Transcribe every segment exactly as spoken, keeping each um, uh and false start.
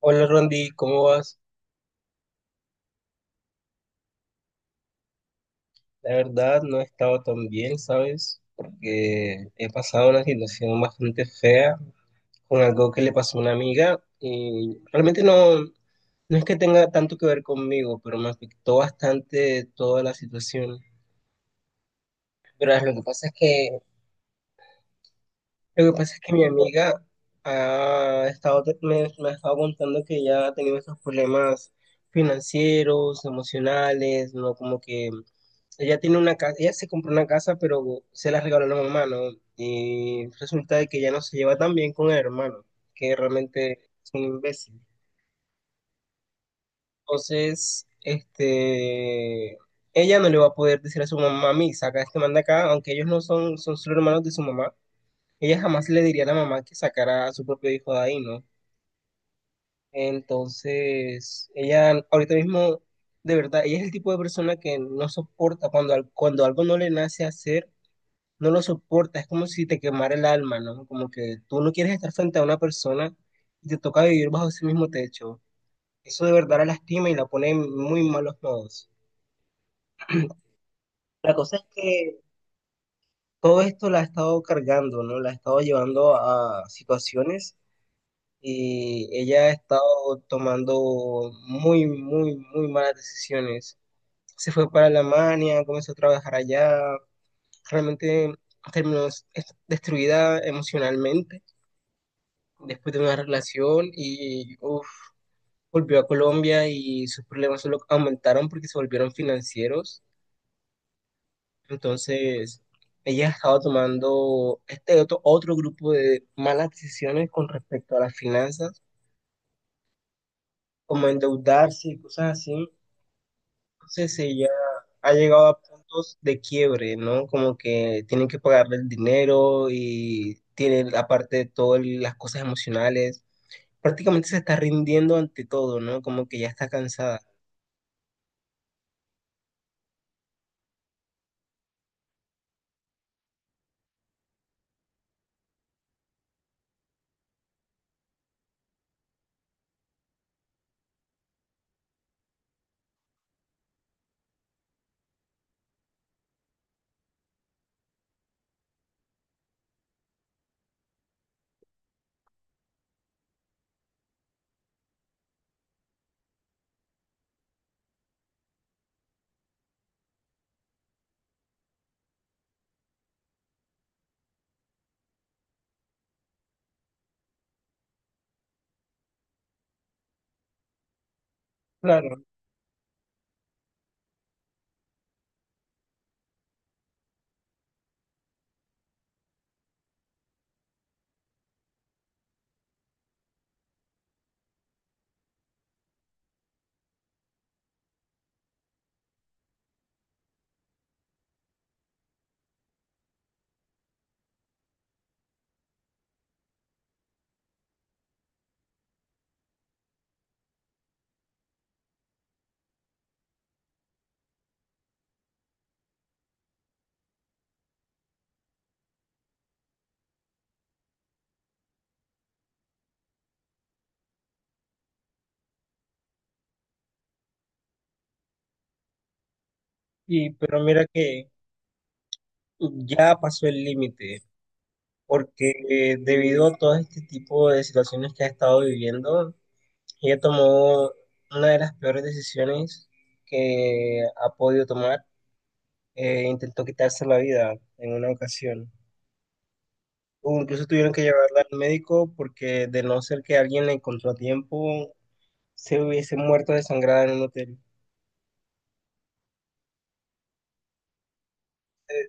Hola Rondi, ¿cómo vas? La verdad no he estado tan bien, ¿sabes? Porque he pasado una situación bastante fea con algo que le pasó a una amiga y realmente no, no es que tenga tanto que ver conmigo, pero me afectó bastante toda la situación. Pero lo que pasa es que Lo que pasa es que mi amiga ha estado, me, me ha estado contando que ella ha tenido esos problemas financieros, emocionales, ¿no? Como que ella tiene una casa, ella se compró una casa, pero se la regaló la mamá, ¿no? Y resulta de que ya no se lleva tan bien con el hermano, que realmente es un imbécil. Entonces, este, ella no le va a poder decir a su mamá, mí, saca a este manda acá, aunque ellos no son, son solo hermanos de su mamá. Ella jamás le diría a la mamá que sacara a su propio hijo de ahí, ¿no? Entonces, ella ahorita mismo, de verdad, ella es el tipo de persona que no soporta cuando, al- cuando algo no le nace hacer, no lo soporta, es como si te quemara el alma, ¿no? Como que tú no quieres estar frente a una persona y te toca vivir bajo ese mismo techo. Eso de verdad la lastima y la pone en muy malos modos. La cosa es que todo esto la ha estado cargando, ¿no? La ha estado llevando a situaciones y ella ha estado tomando muy, muy, muy malas decisiones. Se fue para Alemania, comenzó a trabajar allá, realmente terminó es- destruida emocionalmente después de una relación y uf, volvió a Colombia y sus problemas solo aumentaron porque se volvieron financieros. Entonces, ella ha estado tomando este otro, otro grupo de malas decisiones con respecto a las finanzas, como endeudarse y cosas así. Entonces ella ha llegado a puntos de quiebre, ¿no? Como que tienen que pagarle el dinero y tiene aparte de todo el- las cosas emocionales. Prácticamente se está rindiendo ante todo, ¿no? Como que ya está cansada. Claro, y pero mira que ya pasó el límite, porque eh, debido a todo este tipo de situaciones que ha estado viviendo, ella tomó una de las peores decisiones que ha podido tomar eh, intentó quitarse la vida en una ocasión. O incluso tuvieron que llevarla al médico porque de no ser que alguien la encontró a tiempo, se hubiese muerto desangrada en un hotel. Eh,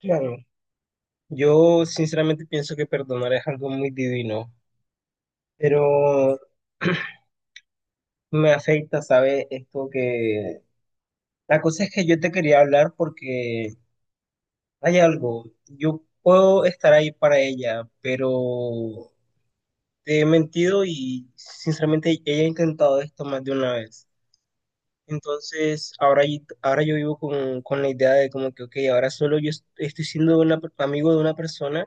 claro, yo sinceramente pienso que perdonar es algo muy divino, pero me afecta, sabe esto que... La cosa es que yo te quería hablar porque hay algo. Yo puedo estar ahí para ella, pero te he mentido y sinceramente he intentado esto más de una vez. Entonces, ahora, y- ahora yo vivo con, con la idea de como que, ok, ahora solo yo est- estoy siendo una per- amigo de una persona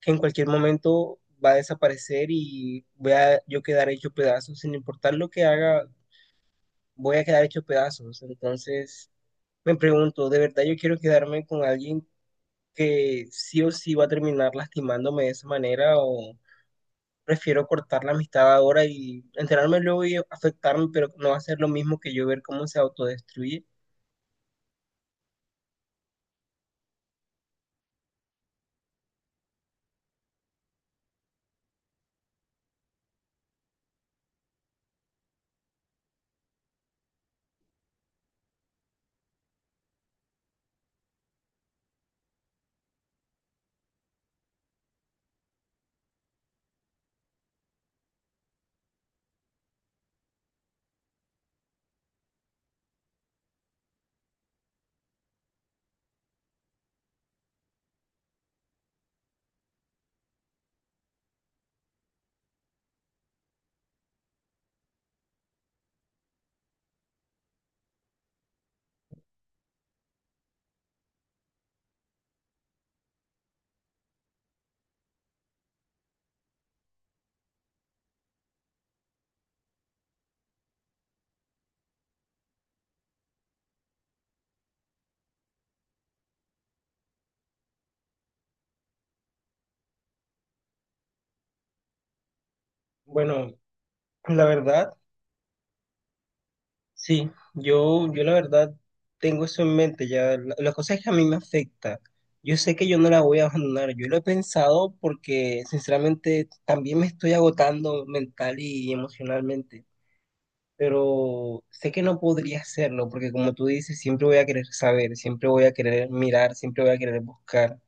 que en cualquier momento va a desaparecer y voy a yo quedar hecho pedazos. Sin importar lo que haga, voy a quedar hecho pedazos. Entonces, me pregunto, ¿de verdad yo quiero quedarme con alguien que sí o sí va a terminar lastimándome de esa manera? Prefiero cortar la amistad ahora y enterarme luego y afectarme, pero no va a ser lo mismo que yo ver cómo se autodestruye. Bueno, la verdad, sí, yo, yo la verdad tengo eso en mente ya. La, la cosa es que a mí me afecta. Yo sé que yo no la voy a abandonar. Yo lo he pensado porque sinceramente también me estoy agotando mental y emocionalmente. Pero sé que no podría hacerlo porque como tú dices, siempre voy a querer saber, siempre voy a querer mirar, siempre voy a querer buscar.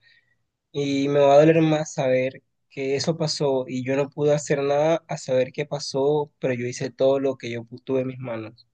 Y me va a doler más saber que eso pasó y yo no pude hacer nada a saber qué pasó, pero yo hice todo lo que yo pu- tuve en mis manos.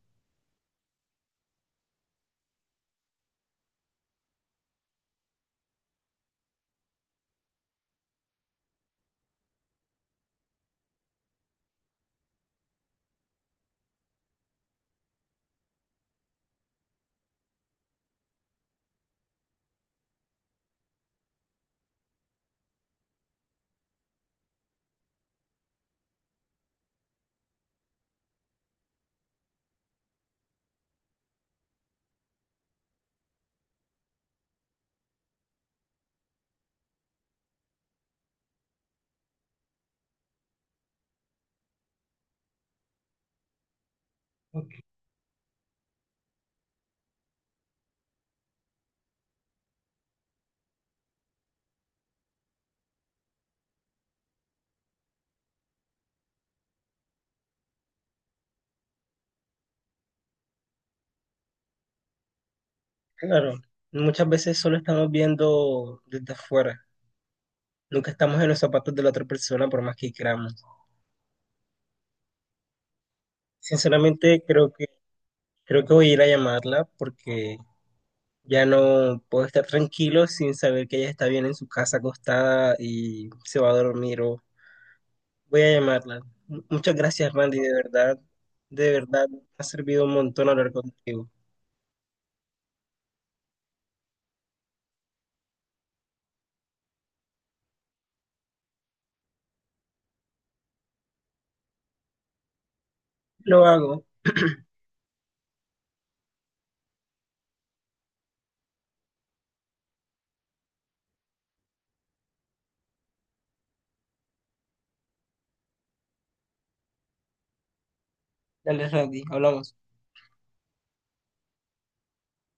Ok. Claro, muchas veces solo estamos viendo desde afuera. Nunca estamos en los zapatos de la otra persona por más que queramos. Sinceramente, creo que, creo que voy a ir a llamarla porque ya no puedo estar tranquilo sin saber que ella está bien en su casa acostada y se va a dormir o voy a llamarla. M- Muchas gracias, Randy, de verdad, de verdad, me ha servido un montón hablar contigo. Lo hago. Dale, Randy, hablamos.